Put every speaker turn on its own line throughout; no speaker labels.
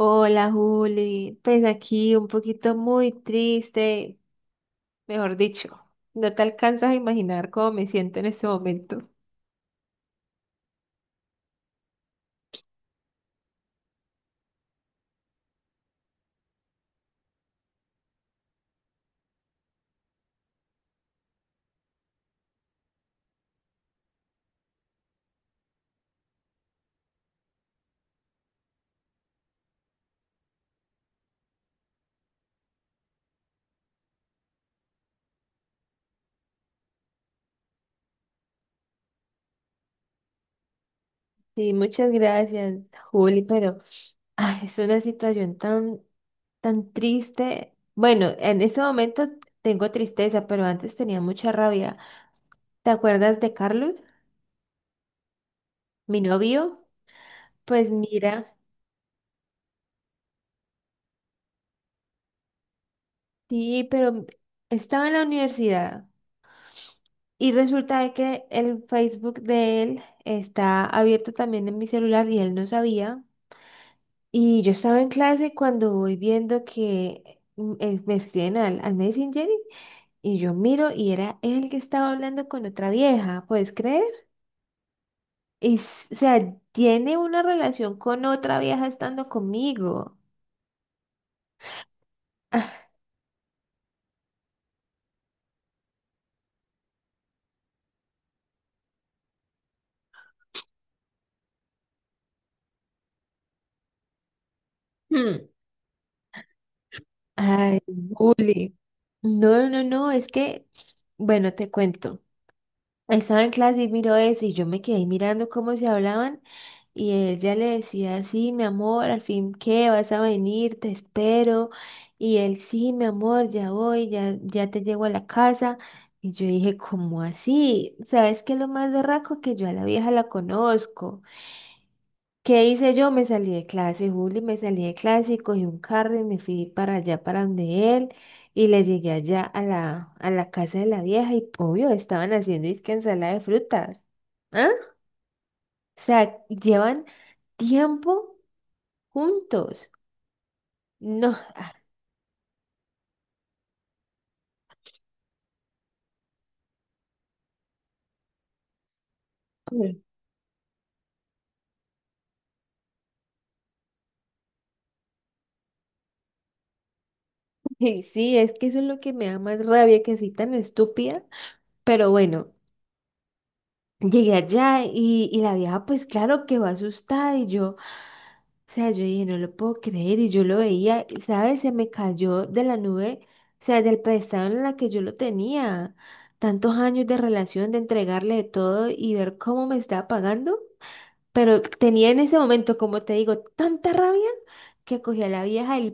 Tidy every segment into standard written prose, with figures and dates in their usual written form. Hola Juli, pues aquí un poquito muy triste, mejor dicho, no te alcanzas a imaginar cómo me siento en este momento. Sí, muchas gracias Juli, pero ay, es una situación tan, tan triste. Bueno, en este momento tengo tristeza, pero antes tenía mucha rabia. ¿Te acuerdas de Carlos, mi novio? Pues mira, sí, pero estaba en la universidad. Y resulta de que el Facebook de él está abierto también en mi celular y él no sabía. Y yo estaba en clase cuando voy viendo que me escriben al Messenger y yo miro y era él que estaba hablando con otra vieja, ¿puedes creer? O sea, tiene una relación con otra vieja estando conmigo. Ah. Hmm. Ay, bully. No, no, no, es que, bueno, te cuento. Estaba en clase y miró eso y yo me quedé mirando cómo se hablaban y ella le decía, sí, mi amor, al fin qué, vas a venir, te espero. Y él, sí, mi amor, ya voy, ya te llego a la casa. Y yo dije, ¿cómo así? ¿Sabes qué es lo más berraco? Que yo a la vieja la conozco. ¿Qué hice yo? Me salí de clase, Juli, me salí de clase y cogí un carro y me fui para allá, para donde él, y le llegué allá a la casa de la vieja y obvio, estaban haciendo disque ensalada de frutas. ¿Ah? O sea, llevan tiempo juntos. No, ay, sí, es que eso es lo que me da más rabia, que soy tan estúpida, pero bueno. Llegué allá y la vieja, pues claro, quedó asustada y yo, o sea, yo dije, no lo puedo creer y yo lo veía, y, ¿sabes? Se me cayó de la nube, o sea, del pedestal en la que yo lo tenía, tantos años de relación, de entregarle de todo y ver cómo me estaba pagando. Pero tenía en ese momento, como te digo, tanta rabia que cogí a la vieja del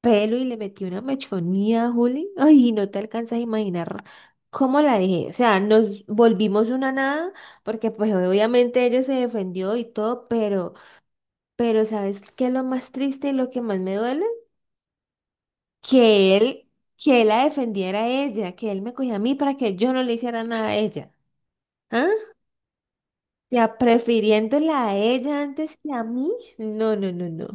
pelo y le metí una mechonía a Juli. Ay, no te alcanzas a imaginar cómo la dejé. O sea, nos volvimos una nada, porque pues obviamente ella se defendió y todo, pero ¿sabes qué es lo más triste y lo que más me duele? Que él, que él la defendiera a ella, que él me cogía a mí para que yo no le hiciera nada a ella. ¿Ah? Ya prefiriéndola a ella antes que a mí. No, no, no, no.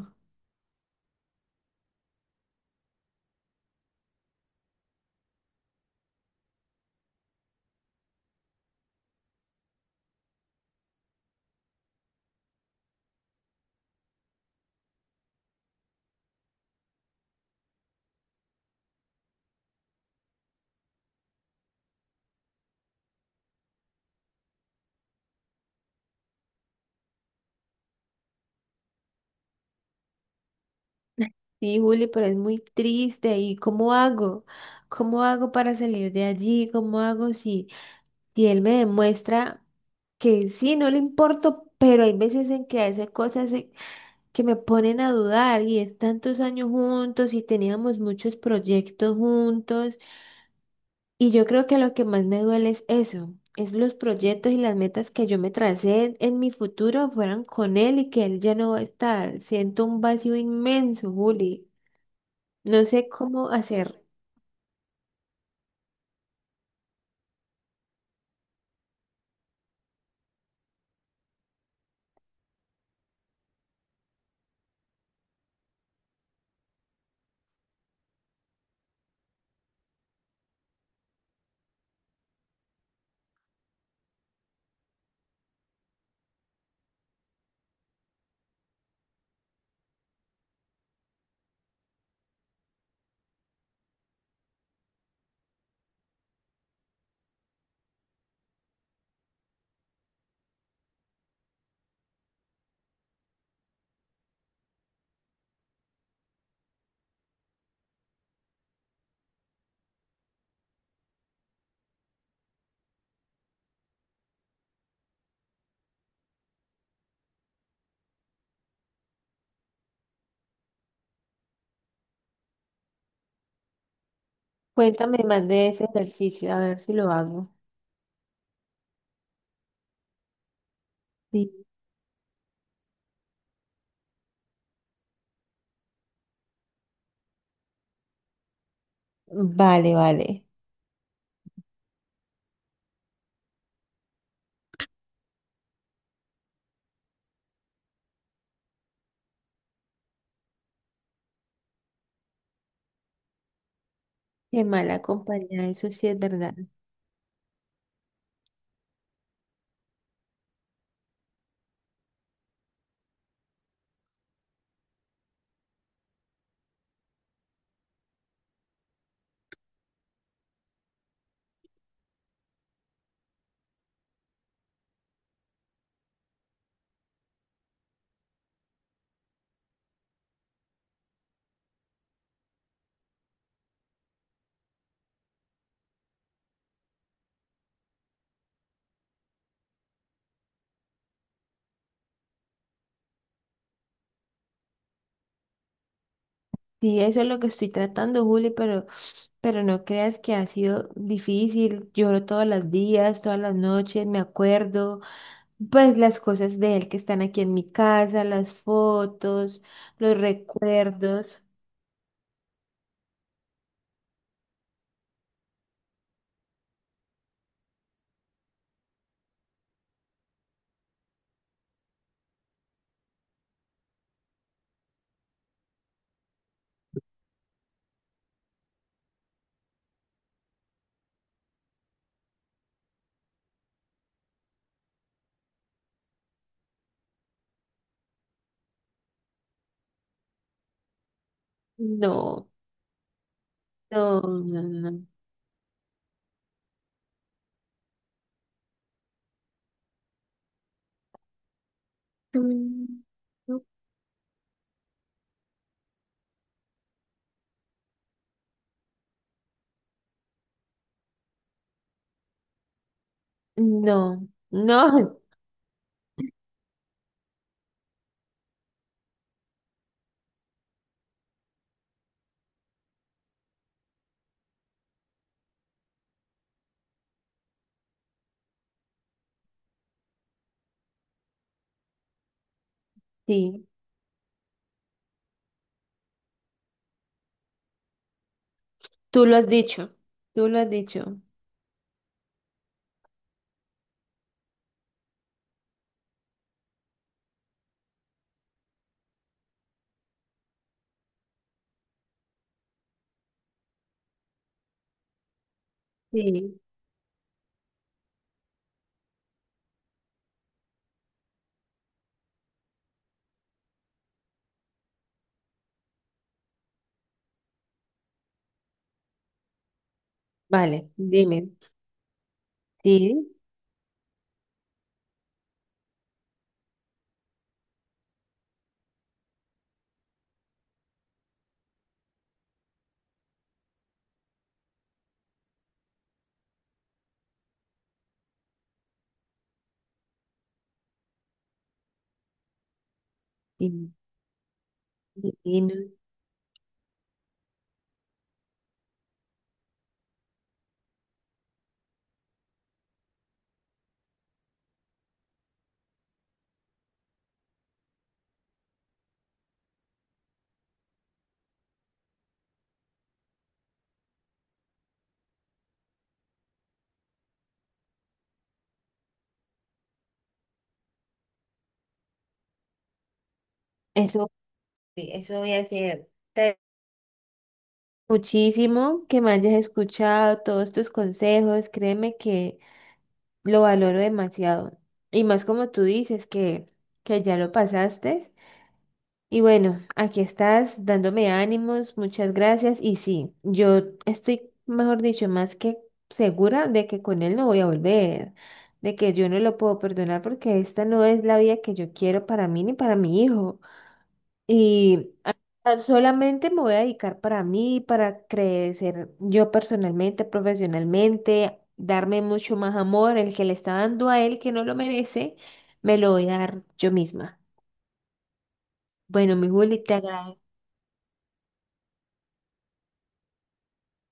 Sí, Juli, pero es muy triste. ¿Y cómo hago? ¿Cómo hago para salir de allí? ¿Cómo hago si, si él me demuestra que sí, no le importo, pero hay veces en que hace cosas que me ponen a dudar y es tantos años juntos y teníamos muchos proyectos juntos y yo creo que lo que más me duele es eso, es los proyectos y las metas que yo me tracé en mi futuro fueran con él y que él ya no va a estar. Siento un vacío inmenso, Juli. No sé cómo hacer. Cuéntame más de ese ejercicio, a ver si lo hago. Sí. Vale, vale. Qué mala compañía, eso sí es verdad. Sí, eso es lo que estoy tratando, Juli, pero no creas que ha sido difícil. Lloro todos los días, todas las noches, me acuerdo. Pues las cosas de él que están aquí en mi casa, las fotos, los recuerdos. No, no, no, no. No. Mm. No, no. Sí. Tú lo has dicho, tú lo has dicho. Sí, vale, dime. Sí, sí, divino. Eso, eso voy a hacer. Muchísimo que me hayas escuchado todos tus consejos, créeme que lo valoro demasiado. Y más como tú dices que ya lo pasaste. Y bueno, aquí estás dándome ánimos, muchas gracias. Y sí, yo estoy, mejor dicho, más que segura de que con él no voy a volver, de que yo no lo puedo perdonar porque esta no es la vida que yo quiero para mí ni para mi hijo. Y a- Solamente me voy a dedicar para mí, para crecer yo personalmente, profesionalmente, darme mucho más amor, el que le está dando a él que no lo merece, me lo voy a dar yo misma. Bueno, mi Juli, te agradezco.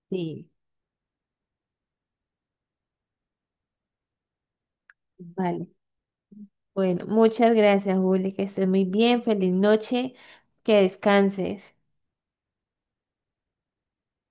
Sí. Vale. Bueno, muchas gracias, Juli, que estés muy bien, feliz noche, que descanses.